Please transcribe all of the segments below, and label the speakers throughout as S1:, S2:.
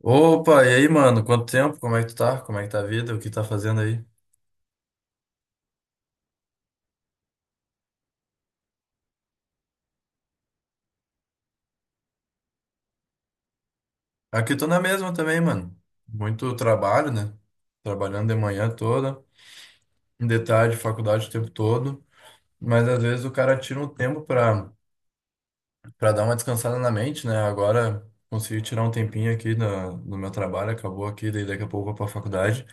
S1: Opa, e aí, mano? Quanto tempo? Como é que tu tá? Como é que tá a vida? O que tá fazendo aí? Aqui eu tô na mesma também, mano. Muito trabalho, né? Trabalhando de manhã toda, de tarde, faculdade o tempo todo. Mas às vezes o cara tira um tempo pra dar uma descansada na mente, né? Agora consegui tirar um tempinho aqui no meu trabalho, acabou aqui, daí daqui a pouco eu vou pra faculdade.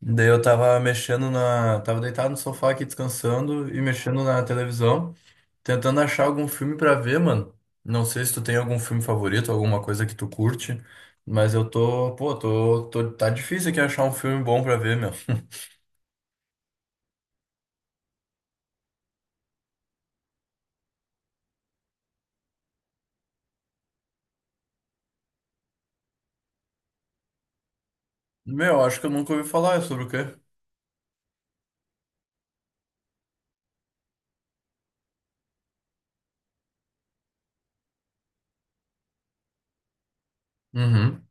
S1: Daí eu tava mexendo na. Tava deitado no sofá aqui descansando e mexendo na televisão. Tentando achar algum filme pra ver, mano. Não sei se tu tem algum filme favorito, alguma coisa que tu curte, mas eu tô, pô, tô, tá difícil aqui achar um filme bom pra ver, meu. Meu, acho que eu nunca ouvi falar, é sobre o quê? Uhum.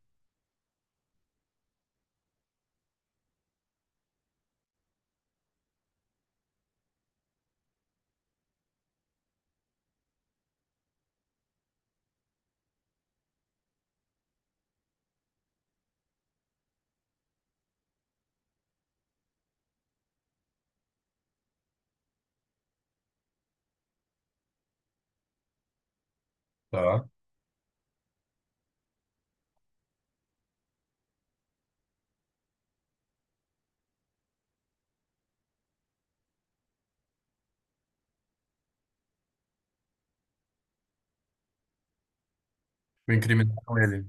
S1: Tá. Incriminaram ele.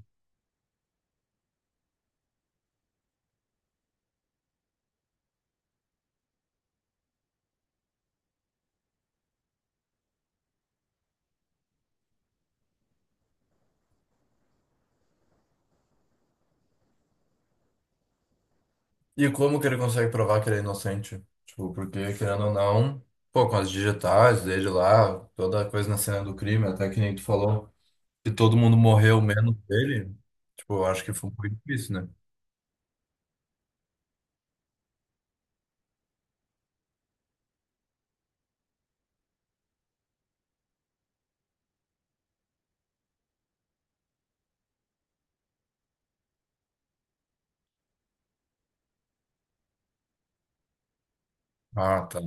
S1: E como que ele consegue provar que ele é inocente? Tipo, porque, querendo ou não, pô, com as digitais dele lá, toda a coisa na cena do crime, até que nem tu falou que todo mundo morreu menos ele, tipo, eu acho que foi muito difícil, né? Ah, tá.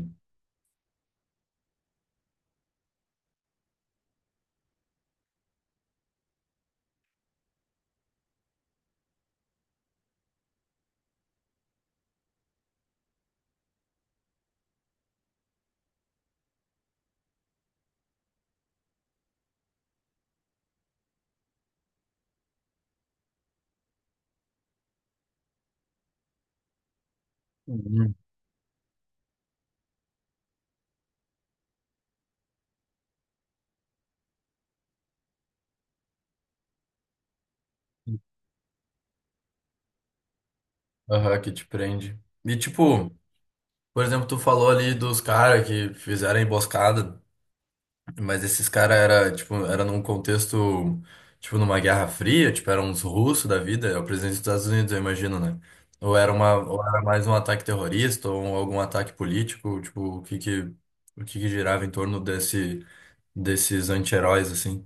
S1: Aham, que te prende. E tipo, por exemplo, tu falou ali dos caras que fizeram a emboscada, mas esses caras era, tipo, era num contexto, tipo, numa Guerra Fria, tipo, eram uns russos da vida, é o presidente dos Estados Unidos, eu imagino, né? Ou era uma, ou era mais um ataque terrorista, ou algum ataque político, tipo, o que que girava em torno desse, desses anti-heróis, assim?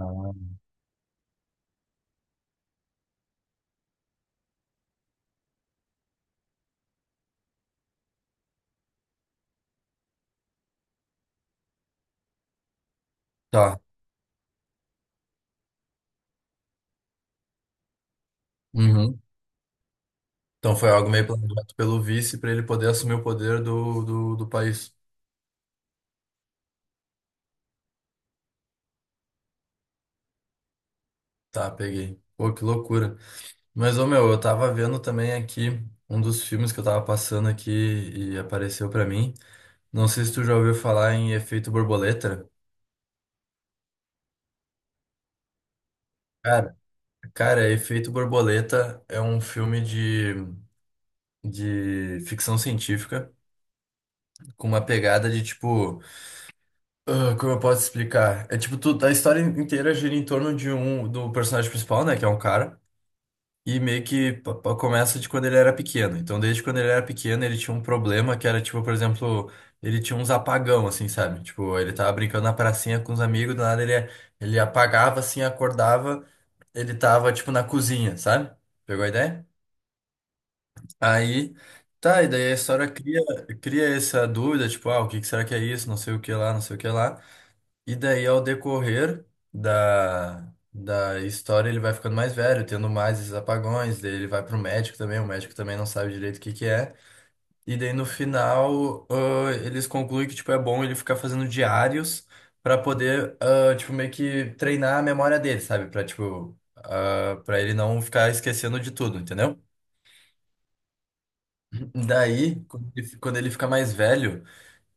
S1: Ah. Tá. Uhum. Então foi algo meio planejado pelo vice para ele poder assumir o poder do, do país. Tá, peguei. Pô, que loucura. Mas, ô meu, eu tava vendo também aqui um dos filmes que eu tava passando aqui e apareceu pra mim. Não sei se tu já ouviu falar em Efeito Borboleta. Cara, cara, Efeito Borboleta é um filme de ficção científica com uma pegada de tipo. Ah, como eu posso explicar? É tipo, tu, a história inteira gira em torno de um do personagem principal, né? Que é um cara. E meio que começa de quando ele era pequeno. Então, desde quando ele era pequeno, ele tinha um problema que era, tipo, por exemplo, ele tinha uns apagão, assim, sabe? Tipo, ele tava brincando na pracinha com os amigos, do nada ele, ele apagava, assim, acordava, ele tava, tipo, na cozinha, sabe? Pegou a ideia? Aí, tá, e daí a história cria essa dúvida, tipo, ah, o que que será que é isso? Não sei o que lá, não sei o que lá. E daí, ao decorrer da história, ele vai ficando mais velho, tendo mais esses apagões. Daí ele vai pro médico também, o médico também não sabe direito o que que é. E daí, no final, eles concluem que, tipo, é bom ele ficar fazendo diários pra poder, tipo, meio que treinar a memória dele, sabe? Pra, tipo, pra ele não ficar esquecendo de tudo, entendeu? Daí, quando ele fica mais velho...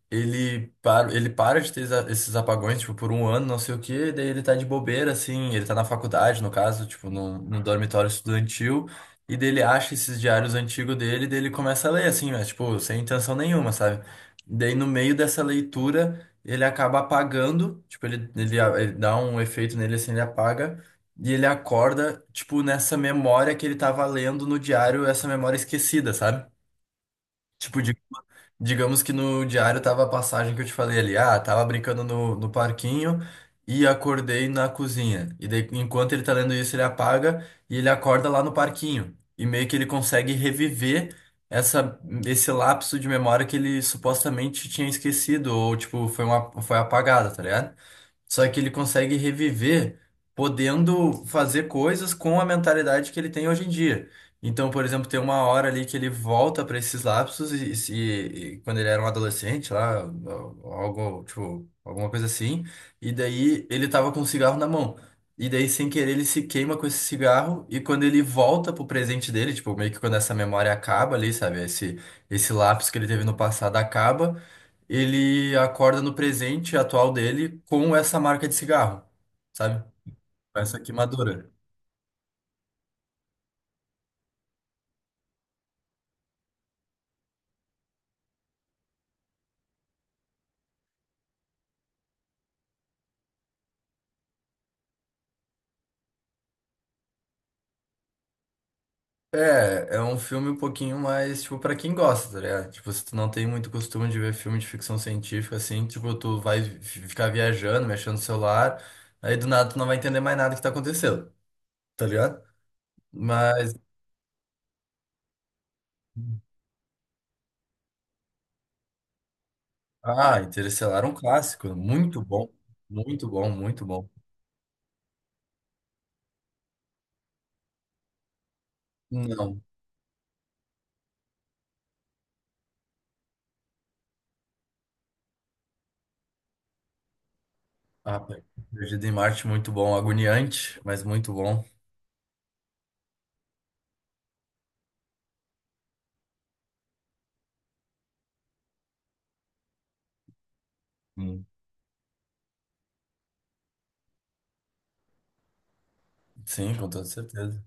S1: Ele para de ter esses apagões, tipo, por um ano, não sei o quê, daí ele tá de bobeira, assim, ele tá na faculdade, no caso, tipo, no dormitório estudantil, e daí ele acha esses diários antigos dele, daí ele começa a ler, assim, mas, tipo, sem intenção nenhuma, sabe? Daí no meio dessa leitura, ele acaba apagando, tipo, ele dá um efeito nele, assim, ele apaga, e ele acorda, tipo, nessa memória que ele tava lendo no diário, essa memória esquecida, sabe? Tipo, digamos que no diário tava a passagem que eu te falei ali. Ah, tava brincando no, no parquinho e acordei na cozinha. E daí, enquanto ele tá lendo isso, ele apaga e ele acorda lá no parquinho. E meio que ele consegue reviver esse lapso de memória que ele supostamente tinha esquecido, ou tipo, foi uma, foi apagada, tá ligado? Só que ele consegue reviver podendo fazer coisas com a mentalidade que ele tem hoje em dia. Então, por exemplo, tem uma hora ali que ele volta para esses lapsos e, se- e quando ele era um adolescente lá, algo, tipo, alguma coisa assim, e daí ele tava com um cigarro na mão. E daí, sem querer, ele se queima com esse cigarro e quando ele volta pro presente dele, tipo, meio que quando essa memória acaba ali, sabe? Esse lapso que ele teve no passado acaba, ele acorda no presente atual dele com essa marca de cigarro, sabe? Com essa queimadura. É, é um filme um pouquinho mais, tipo, pra quem gosta, tá ligado? Tipo, se tu não tem muito costume de ver filme de ficção científica, assim, tipo, tu vai ficar viajando, mexendo no celular, aí do nada tu não vai entender mais nada que tá acontecendo, tá ligado? Mas, ah, Interestelar é um clássico, muito bom, muito bom, muito bom. Não, ah, Perdido em Marte, muito bom, agoniante, mas muito bom. Hum. Sim, com toda certeza.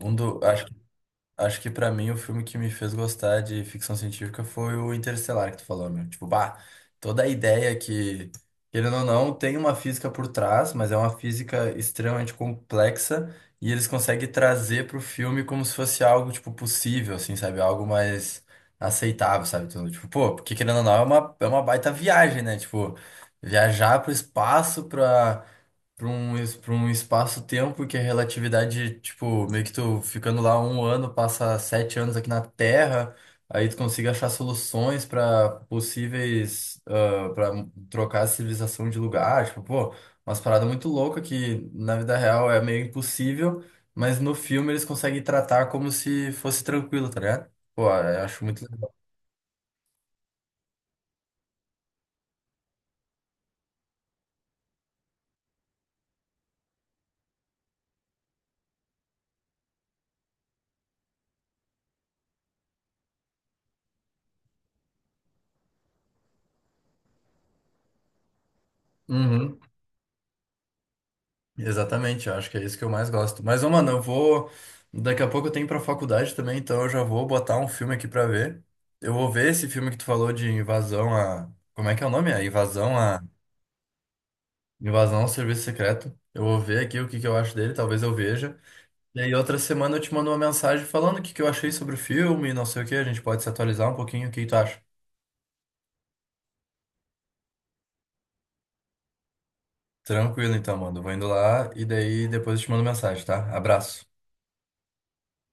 S1: Um do, acho, acho que pra mim o filme que me fez gostar de ficção científica foi o Interestelar que tu falou, meu. Tipo, bah, toda a ideia que, querendo ou não, tem uma física por trás, mas é uma física extremamente complexa e eles conseguem trazer pro filme como se fosse algo, tipo, possível, assim, sabe? Algo mais aceitável, sabe? Então, tipo, pô, porque querendo ou não, é uma baita viagem, né? Tipo, viajar pro espaço pra pra um espaço-tempo que é relatividade, tipo, meio que tu ficando lá um ano, passa sete anos aqui na Terra, aí tu consiga achar soluções para possíveis, para trocar a civilização de lugar, tipo, pô, umas paradas muito loucas que na vida real é meio impossível, mas no filme eles conseguem tratar como se fosse tranquilo, tá ligado? Pô, eu acho muito legal. Exatamente, eu acho que é isso que eu mais gosto. Mas, ô, mano, eu vou. Daqui a pouco eu tenho pra faculdade também, então eu já vou botar um filme aqui pra ver. Eu vou ver esse filme que tu falou de invasão a. Como é que é o nome? A. Invasão ao Serviço Secreto. Eu vou ver aqui o que que eu acho dele, talvez eu veja. E aí, outra semana eu te mando uma mensagem falando o que que eu achei sobre o filme, não sei o que, a gente pode se atualizar um pouquinho, o que que tu acha? Tranquilo, então, mano. Eu vou indo lá e daí depois eu te mando mensagem, tá? Abraço.